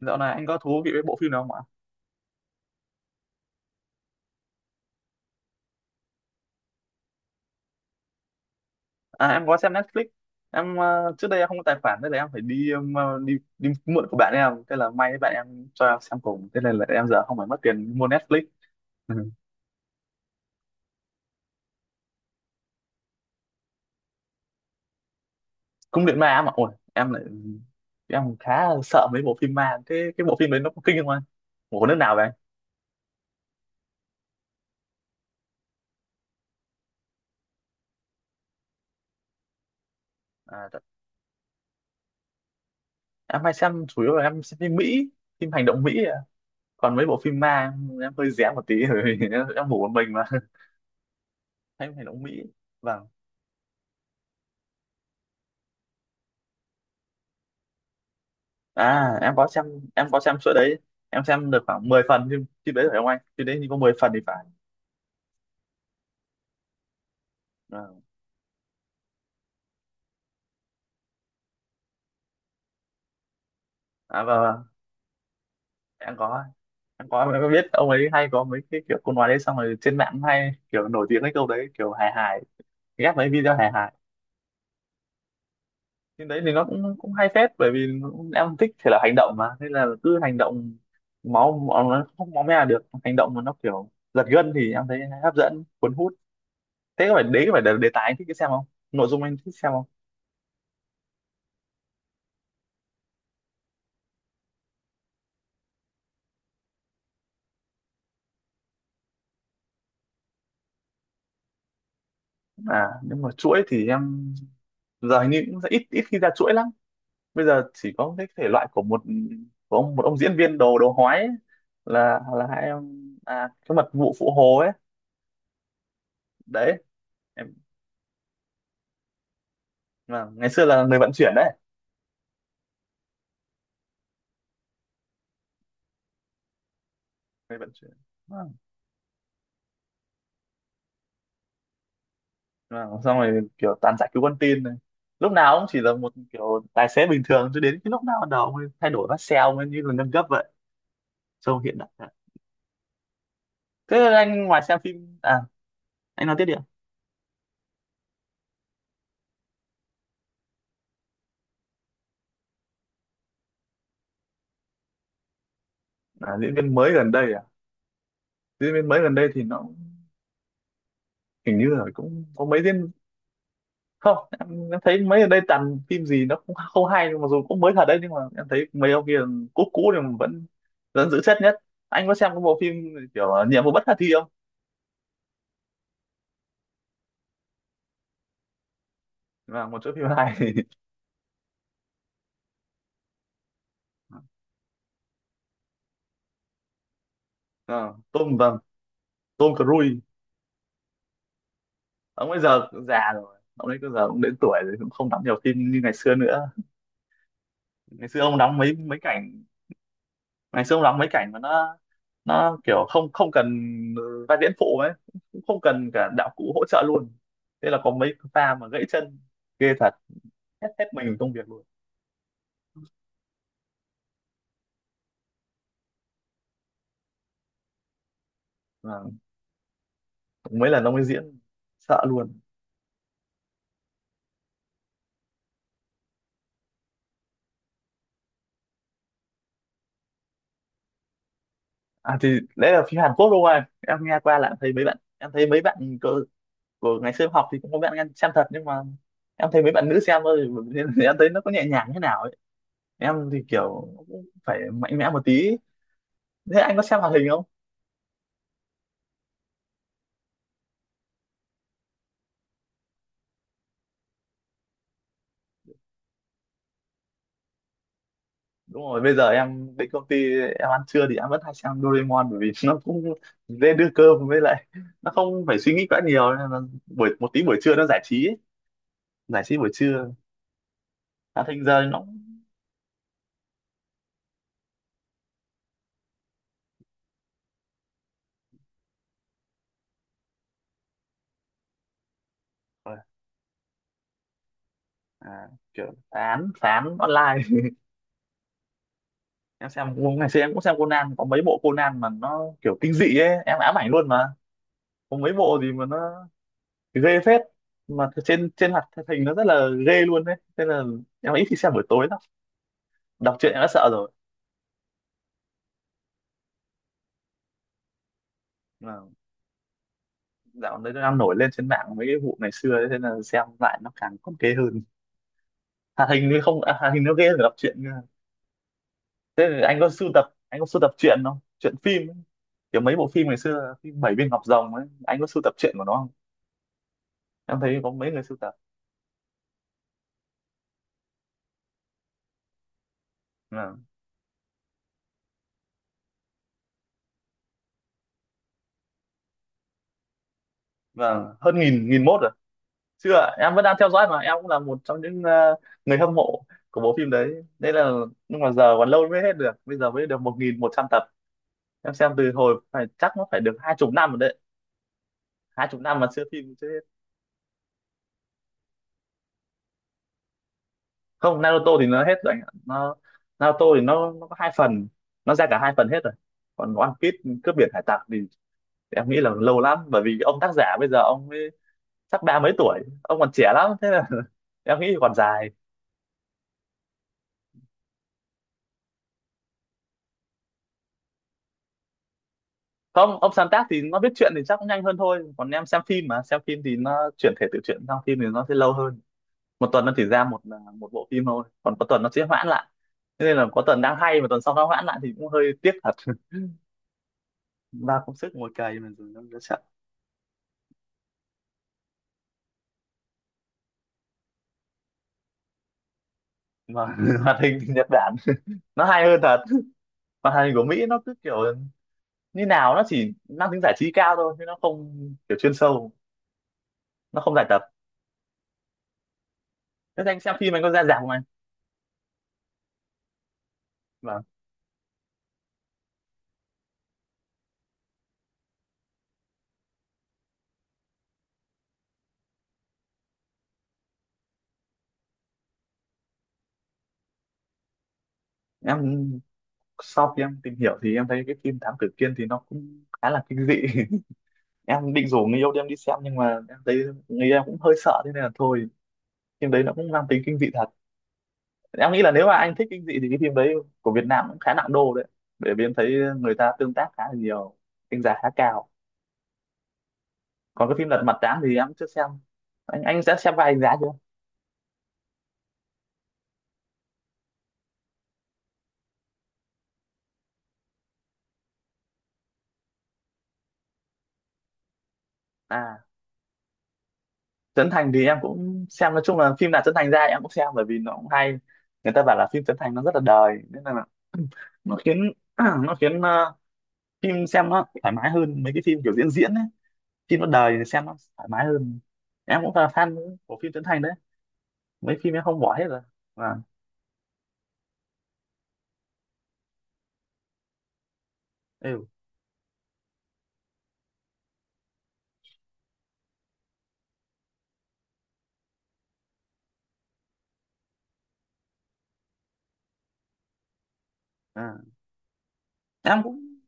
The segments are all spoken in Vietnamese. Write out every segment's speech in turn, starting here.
Dạo này anh có thú vị với bộ phim nào không ạ? À em có xem Netflix. Em trước đây em không có tài khoản nên là em phải đi mượn của bạn em, thế là may bạn em cho em xem cùng, thế nên là em giờ không phải mất tiền mua Netflix. Ừ. Cung điện ma mà ôi, em lại em khá sợ mấy bộ phim ma. Thế cái bộ phim đấy nó có kinh không anh? Bộ nước nào vậy anh? À, t- em hay xem chủ yếu là em xem phim Mỹ, phim hành động Mỹ ạ. Còn mấy bộ phim ma em hơi rén một tí rồi em ngủ một mình mà. Hay hành động Mỹ. Vâng. À em có xem, em có xem suốt đấy, em xem được khoảng 10 phần. Phim phim đấy phải không anh? Phim đấy thì có 10 phần thì phải. À, à và em có em có biết ông ấy hay có mấy cái kiểu câu nói đấy, xong rồi trên mạng hay kiểu nổi tiếng cái câu đấy kiểu hài hài, ghép mấy video hài hài. Phim đấy thì nó cũng cũng hay phết, bởi vì em thích thể là hành động mà, nên là cứ hành động, máu máu- nó không máu me là được, hành động mà nó kiểu giật gân thì em thấy hấp dẫn, cuốn hút. Thế có phải đấy có phải là đề tài anh thích cái xem không, nội dung anh thích xem? À nhưng mà chuỗi thì em giờ hình như cũng ít ít khi ra chuỗi lắm. Bây giờ chỉ có cái thể loại của một ông diễn viên đồ đồ hói ấy, là hai em, à cái mật vụ phụ hồ ấy đấy em, mà ngày xưa là người vận chuyển đấy, người vận chuyển. Vâng. Vâng, xong rồi kiểu toàn giải cứu con tin này, lúc nào cũng chỉ là một kiểu tài xế bình thường cho đến cái lúc nào bắt đầu ông thay đổi vắt xeo mới, như là nâng cấp vậy, trông hiện đại thật. Thế là anh ngoài xem phim à, anh nói tiếp đi ạ. À, diễn viên mới gần đây, diễn viên mới gần đây thì nó hình như là cũng có mấy diễn, không em, em thấy mấy gần đây toàn phim gì nó cũng không hay, mặc dù cũng mới thật đấy nhưng mà em thấy mấy ông kia cũ cũ thì vẫn vẫn giữ chất nhất. Anh có xem cái bộ phim kiểu là nhiệm vụ bất khả thi không? Là một chỗ phim hay. Ờ, Tom, vâng, Tom Cruise. Ông bây giờ cũng già rồi, ông ấy bây giờ cũng đến tuổi rồi, cũng không đóng nhiều phim như ngày xưa nữa. Ngày xưa ông đóng mấy mấy cảnh, ngày xưa ông đóng mấy cảnh mà nó kiểu không không cần vai diễn phụ ấy, cũng không cần cả đạo cụ hỗ trợ luôn, thế là có mấy pha mà gãy chân, ghê thật, hết hết mình công việc luôn. À, mấy lần ông ấy diễn sợ luôn. À thì đấy là phim Hàn Quốc đúng không em? Em nghe qua là em thấy mấy bạn, em thấy mấy bạn của, của ngày xưa em học thì cũng có bạn em xem thật, nhưng mà em thấy mấy bạn nữ xem thôi nên em thấy nó có nhẹ nhàng thế nào ấy. Em thì kiểu cũng phải mạnh mẽ một tí. Thế anh có xem hoạt hình không? Đúng rồi, bây giờ em đến công ty em ăn trưa thì em vẫn hay xem Doraemon, bởi vì nó cũng dễ đưa cơm, với lại nó không phải suy nghĩ quá nhiều, nên là buổi một tí buổi trưa nó giải trí ấy, giải trí buổi trưa, đã thành giờ nó cũng- à, kiểu phán phán online. Em xem ngày xưa em cũng xem Conan, có mấy bộ Conan mà nó kiểu kinh dị ấy, em ám ảnh luôn mà, có mấy bộ gì mà nó ghê phết, mà trên trên hoạt hình nó rất là ghê luôn đấy, nên là em ít khi xem buổi tối lắm, đọc truyện em đã sợ rồi. Dạo đấy nó đang nổi lên trên mạng mấy cái vụ ngày xưa ấy, thế là xem lại nó càng còn ghê hơn. Hoạt hình thì không à, hoạt hình nó ghê hơn cả đọc truyện cơ. Thế thì anh có sưu tập, anh có sưu tập truyện không, truyện phim ấy, kiểu mấy bộ phim ngày xưa phim Bảy Viên Ngọc Rồng ấy, anh có sưu tập truyện của nó không? Em thấy có mấy người sưu tập. À, vâng, hơn nghìn, nghìn mốt rồi. Chưa, em vẫn đang theo dõi, mà em cũng là một trong những người hâm mộ của bộ phim đấy, nên là, nhưng mà giờ còn lâu mới hết được, bây giờ mới được một nghìn một trăm tập. Em xem từ hồi phải chắc nó phải được hai chục năm rồi đấy, hai chục năm mà chưa phim chứ. Không, Naruto thì nó hết rồi anh ạ, nó, Naruto thì nó có hai phần, nó ra cả hai phần hết rồi. Còn One Piece, cướp biển hải tặc thì em nghĩ là lâu lắm, bởi vì ông tác giả bây giờ ông ấy sắp ba mấy tuổi, ông còn trẻ lắm, thế là em nghĩ còn dài. Không, ông sáng tác thì nó viết truyện thì chắc cũng nhanh hơn thôi, còn em xem phim, mà xem phim thì nó chuyển thể từ truyện sang phim thì nó sẽ lâu hơn. Một tuần nó chỉ ra một à, một bộ phim thôi, còn có tuần nó sẽ hoãn lại, thế nên là có tuần đang hay mà tuần sau nó hoãn lại thì cũng hơi tiếc thật. Ba công sức ngồi cày mà rồi nó sẽ, mà hoạt hình Nhật Bản nó hay hơn thật. Hoạt hình của Mỹ nó cứ kiểu như nào nó chỉ mang tính giải trí cao thôi, chứ nó không kiểu chuyên sâu, nó không giải tập. Thế anh xem phim anh có ra rạp không anh? Vâng. Em sau khi em tìm hiểu thì em thấy cái phim Thám Tử Kiên thì nó cũng khá là kinh dị, em định rủ người yêu đi, em đi xem nhưng mà em thấy người yêu em cũng hơi sợ, thế nên là thôi. Phim đấy nó cũng mang tính kinh dị thật, em nghĩ là nếu mà anh thích kinh dị thì cái phim đấy của Việt Nam cũng khá nặng đô đấy, bởi vì em thấy người ta tương tác khá là nhiều, đánh giá khá cao. Còn cái phim Lật Mặt Tám thì em chưa xem. Anh đã xem vai anh giá chưa? À, Trấn Thành thì em cũng xem, nói chung là phim nào Trấn Thành ra em cũng xem, bởi vì nó cũng hay, người ta bảo là phim Trấn Thành nó rất là đời, nên là nó khiến nó khiến phim xem nó thoải mái hơn mấy cái phim kiểu diễn diễn ấy. Phim nó đời thì xem nó thoải mái hơn. Em cũng là fan của phim Trấn Thành đấy, mấy phim em không bỏ hết rồi. À, ừ. À. Em cũng,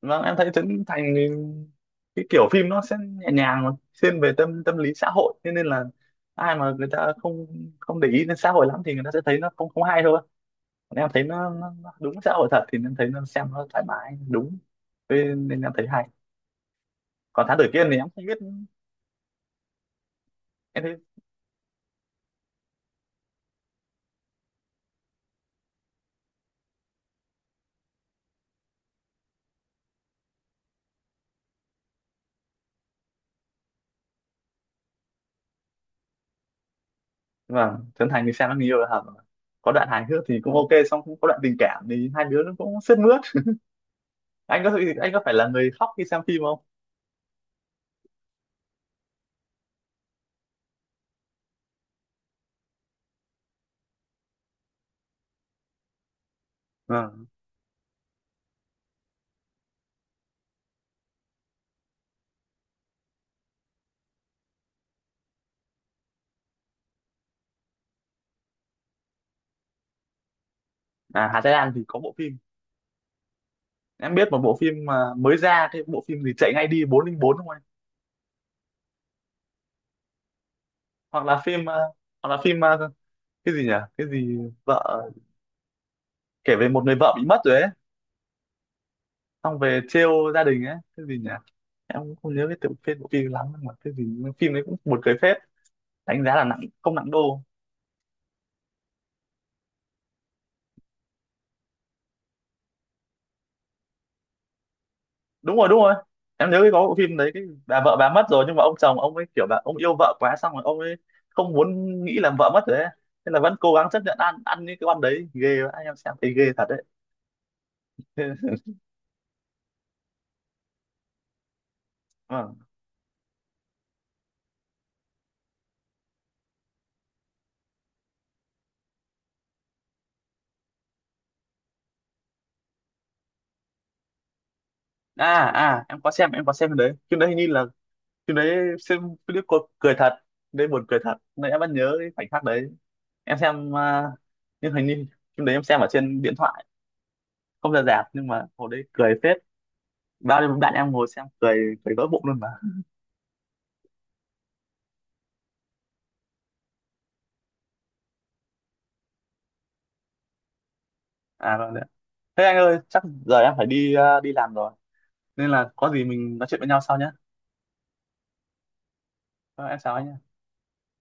vâng em thấy Trấn Thành thì cái kiểu phim nó sẽ nhẹ nhàng mà, thiên về tâm tâm lý xã hội, thế nên là ai mà người ta không không để ý đến xã hội lắm thì người ta sẽ thấy nó không không hay thôi. Còn em thấy nó đúng xã hội thật thì em thấy nó xem nó thoải mái đúng. Thế nên em thấy hay. Còn Thám Tử Kiên thì em không biết. Em thấy vâng, Trấn Thành thì xem nó nhiều là hợp, có đoạn hài hước thì cũng ok, xong cũng có đoạn tình cảm thì hai đứa nó cũng sướt mướt. Anh có, phải là người khóc khi xem phim không? Vâng. À Hà Thái Lan thì có bộ phim, em biết một bộ phim mà mới ra, cái bộ phim gì chạy ngay đi 404 không anh? Hoặc là phim hoặc là phim cái gì nhỉ, cái gì, vợ, kể về một người vợ bị mất rồi ấy, xong về trêu gia đình ấy, cái gì nhỉ. Em cũng không nhớ cái tựa phim bộ phim lắm, nhưng mà cái gì phim đấy cũng buồn cười phết, đánh giá là nặng không nặng đô. Đúng rồi, em nhớ cái có bộ phim đấy, cái bà vợ bà mất rồi, nhưng mà ông chồng ông ấy kiểu là ông yêu vợ quá, xong rồi ông ấy không muốn nghĩ là vợ mất rồi ấy, nên là vẫn cố gắng chấp nhận ăn, những cái con đấy ghê vậy. Em xem thấy ghê thật đấy. À, à em có xem, em có xem cái đấy, phim đấy hình như là, phim đấy xem clip cô cười thật đấy, buồn cười thật nên em vẫn nhớ cái khoảnh khắc đấy. Em xem nhưng hình như phim đấy em xem ở trên điện thoại, không ra rạp, nhưng mà hồi đấy cười phết, bao nhiêu bạn em ngồi xem cười cười vỡ bụng luôn mà. À rồi đấy, thế anh ơi chắc giờ em phải đi đi làm rồi, nên là có gì mình nói chuyện với nhau sau nhé. Ờ, em chào anh nhé.